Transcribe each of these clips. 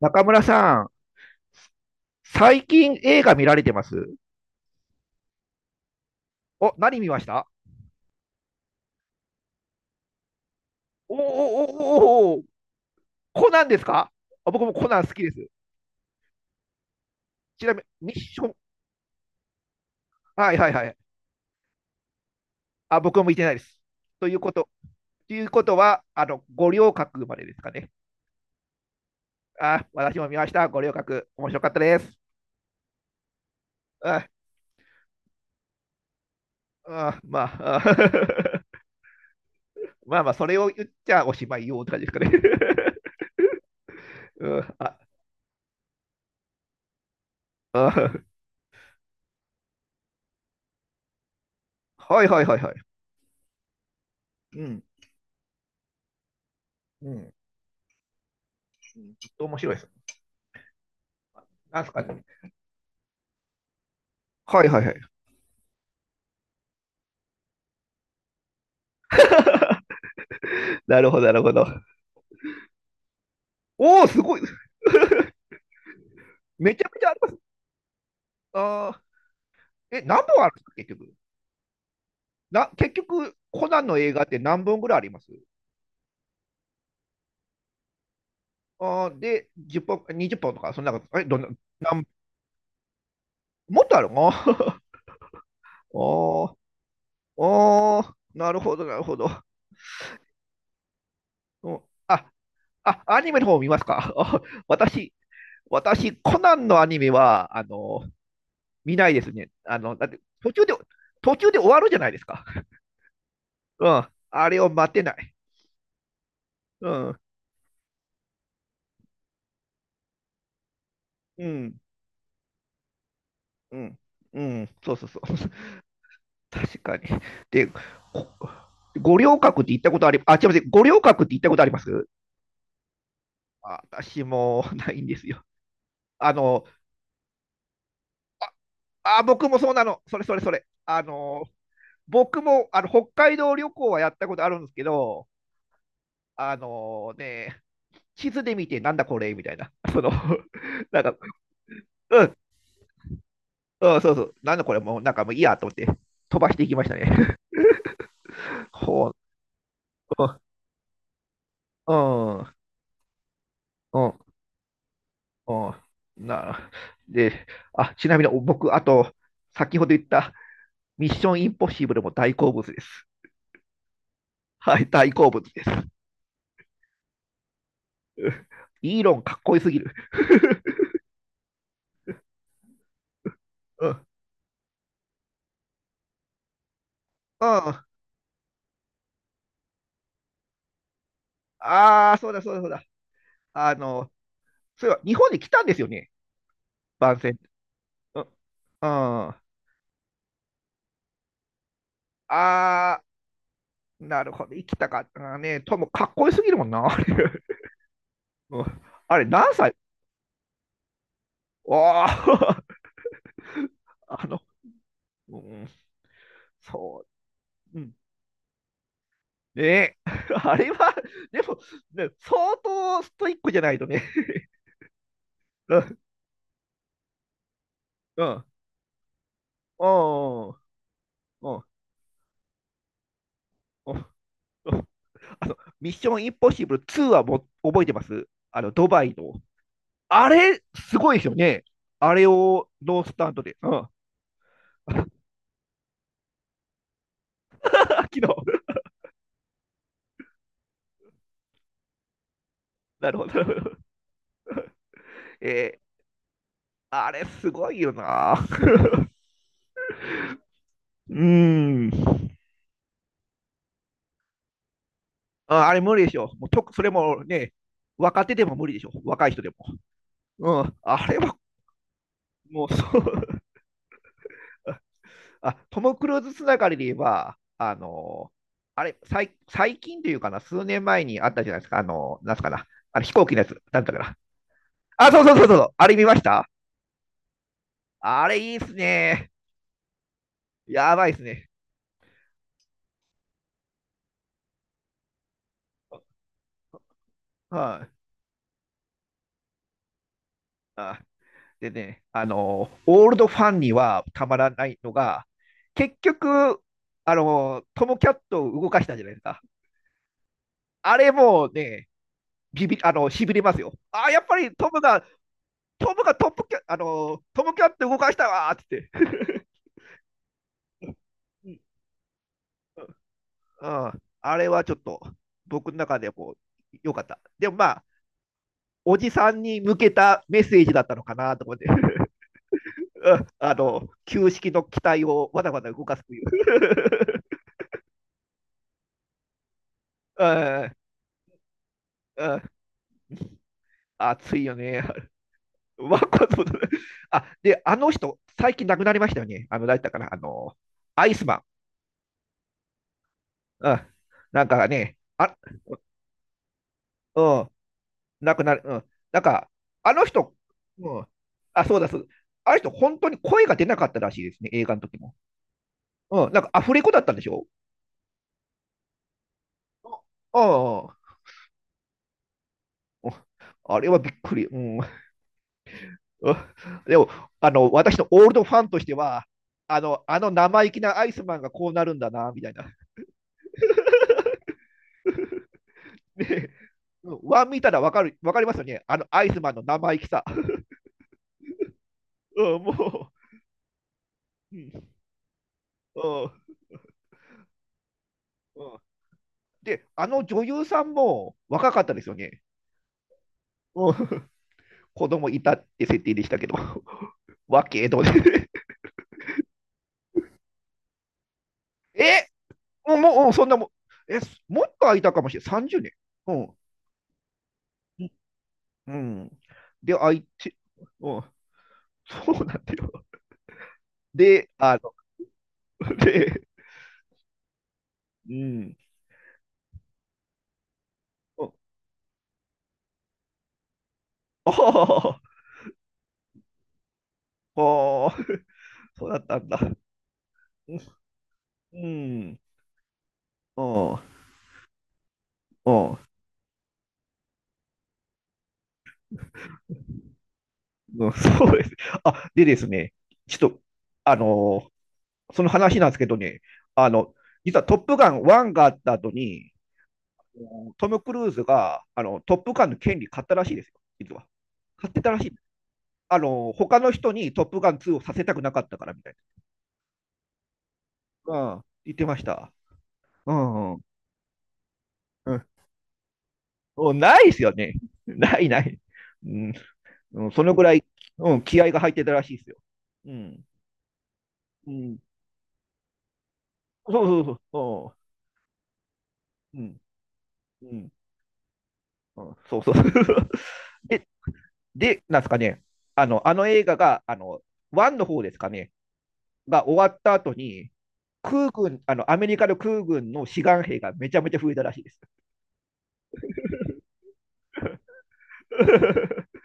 中村さん、最近映画見られてます？お、何見ました？おーおーおーおーおー。コナンですか？あ、僕もコナン好きです。ちなみに、ミッション、はいはいはい。あ、僕も見てないです。ということ、ということは、五稜郭までですかね。あ、私も見ました。五稜郭、面白かったです。あ、あまあ、あ まあまあ、それを言っちゃおしまいよって感じですかね。うん、あ、あ、はいはいはいはい。うん、うん、ずっと面白いです。なんすかね。はいはいはい。なるほど、なるほど。おお、すごい。めちゃめちゃあります。あーえ、何本あるんですか、結局？な結局、コナンの映画って何本ぐらいあります？あーで、10本、20本とか、そんなこと。え、どんな、なんもっとあるの？ おー、おー、なるほど、なるほど。うん、あ、あ、アニメの方見ますか？あ 私、私、コナンのアニメは、見ないですね。あの、だって、途中で、途中で終わるじゃないですか。うん。あれを待てない。うん。うん。うん。うん。そうそうそう。確かに。で、こ五稜郭って行ったことあり、あ、違います。五稜郭って行ったことあります？あ、私もないんですよ。あの、あ、あ僕もそうなの。それそれそれ。あの、僕もあの北海道旅行はやったことあるんですけど、あのね、地図で見て、なんだこれみたいな。その、なんか、うん、そうそう、なんだこれもう、なんかもういいやと思って、飛ばしていきましたね。ほう、うん、うん、うん。うん、な、で、あ、ちなみに僕、あと、先ほど言ったミッションインポッシブルも大好物です。はい、大好物です。うん、イーロンかっこよすぎる。うん。うん。ああ、そうだそうだそうだ。あの、そういえば日本に来たんですよね、番宣。うん。うん、あ、あ、なるほど、生きたかったなね。ともかっこよすぎるもんな、あれ。うん、あれ何歳？わあ、あの、うん、そう。うん、ねえ あれは、でも、ね、相当ストイックじゃないとね。うん、うん、うん、うん。うん、あの、ミッションインポッシブル2はも覚えてます？あの、ドバイの。あれ、すごいですよね。あれをノースタントで。うん。昨日。なるほど、なるほど。えー、あれ、すごいよな。うーん。ああれ、無理でしょ。もうとそれもね、若手でも無理でしょ。若い人でも。うん。あれは、もう、そう。あ、トム・クルーズつながりで言えば、あれ、最最近というかな、数年前にあったじゃないですか、あの、なんすかな、あれ飛行機のやつ、なんだったかな。あ、そうそうそうそう、あれ見ました？あれいいっすね。やばいっすね。はい、あ。でね、あの、オールドファンにはたまらないのが、結局、あの、トム・キャットを動かしたじゃないですか。あれもうね、ビビあの、しびれますよ。あ、やっぱりトムが、トムがトップキャ、あの、トム・キャット動かしたわーっつって。うん、あれはちょっと僕の中でこう良かった。でもまあ、おじさんに向けたメッセージだったのかなと思って あの、旧式の機体をわざわざ動かすという。うん、うん、熱いよね。 わかあ、で、あの人、最近亡くなりましたよね。あの、誰だったかな、あの、アイスマン。うん、なんかね、あ、うん、なくなる。うん。なんか、あの人、うん。あ、そうだ、そうだ。あの人、本当に声が出なかったらしいですね、映画の時も。うん。なんか、アフレコだったんでしょ？あああ。れはびっくり。うん。でも、私のオールドファンとしては、あの、あの生意気なアイスマンがこうなるんだな、みたいな。で、うん、ワン見たらわかる、わかりますよね。あのアイスマンの生意気さ。うん、もう、うん、うん、うん。で、あの女優さんも若かったですよね。うん、子供いたって設定でしたけど、わけど、ね、え、もう、うん、そんなもん、え、もっと空いたかもしれない、30年。うん。うん。で、空いて、うん、そうなんだよ。で、あの、で、うん。うん、ああ、そうだったんだ。うん、うん、うん、うんそうです。あ、でですね、ちょっと、あのーその話なんですけどね、あの、実はトップガン1があった後に、トム・クルーズがあのトップガンの権利買ったらしいですよ、実は。買ってたらしい。あの他の人にトップガン2をさせたくなかったからみたいなうん。な。言ってました。うん、うん。うん、もうないですよね。ないない、うん。うんそのぐらい、うん、気合が入ってたらしいですよ。うん。うん、そうそうそうそう。うん。うん。うん、そうそう。で、で、なんですかね。あの、あの映画が、1の方ですかね。が終わった後に、空軍、あの、アメリカの空軍の志願兵がめちゃめちゃ増えたらしいです。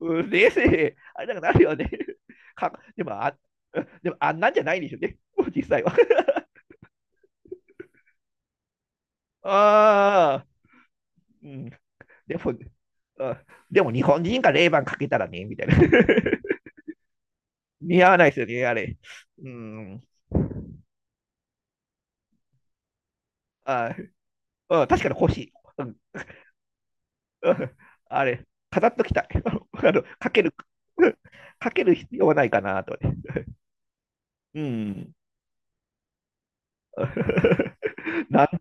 うん、冷静、あれなんかなるよね。かでもあ、でもあんなんじゃないでしょうね。実際は。ああ、うん、でも、あ、でも日本人がレイバンかけたらね、みたいな。似合わないですよね、あれ。うん、ああ、確かに欲しい。うん、うん、あれ、飾っときたい。あの、かける、かける必要はないかなと。うん。なん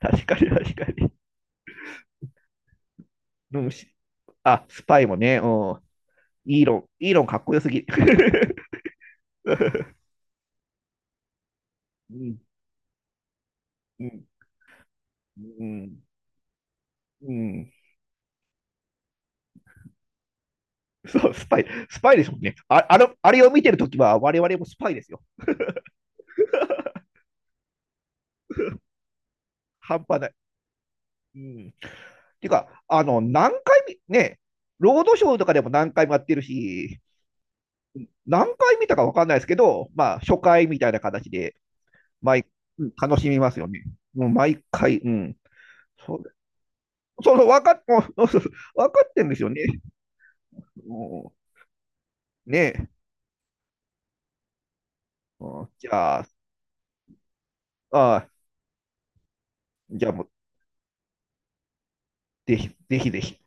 確かに確かに。うんし、あ、スパイもね、うん。イーロン、イーロンかっこよすぎ。うん。うん。うん。うん。そう、スパイ、スパイですもんね。あ、あの、あれを見てるときは我々もスパイですよ。半端ない。うん。てか、あの、何回見、ね、ロードショーとかでも何回もやってるし、何回見たかわかんないですけど、まあ、初回みたいな形で毎、うん、楽しみますよね。もう毎回、うん。そうそうそう、分かっ、もうそうそうそう分かってんですよね。もうねえ。うんじゃあ、ああ、じゃあもう、ぜひ、ぜひぜひ。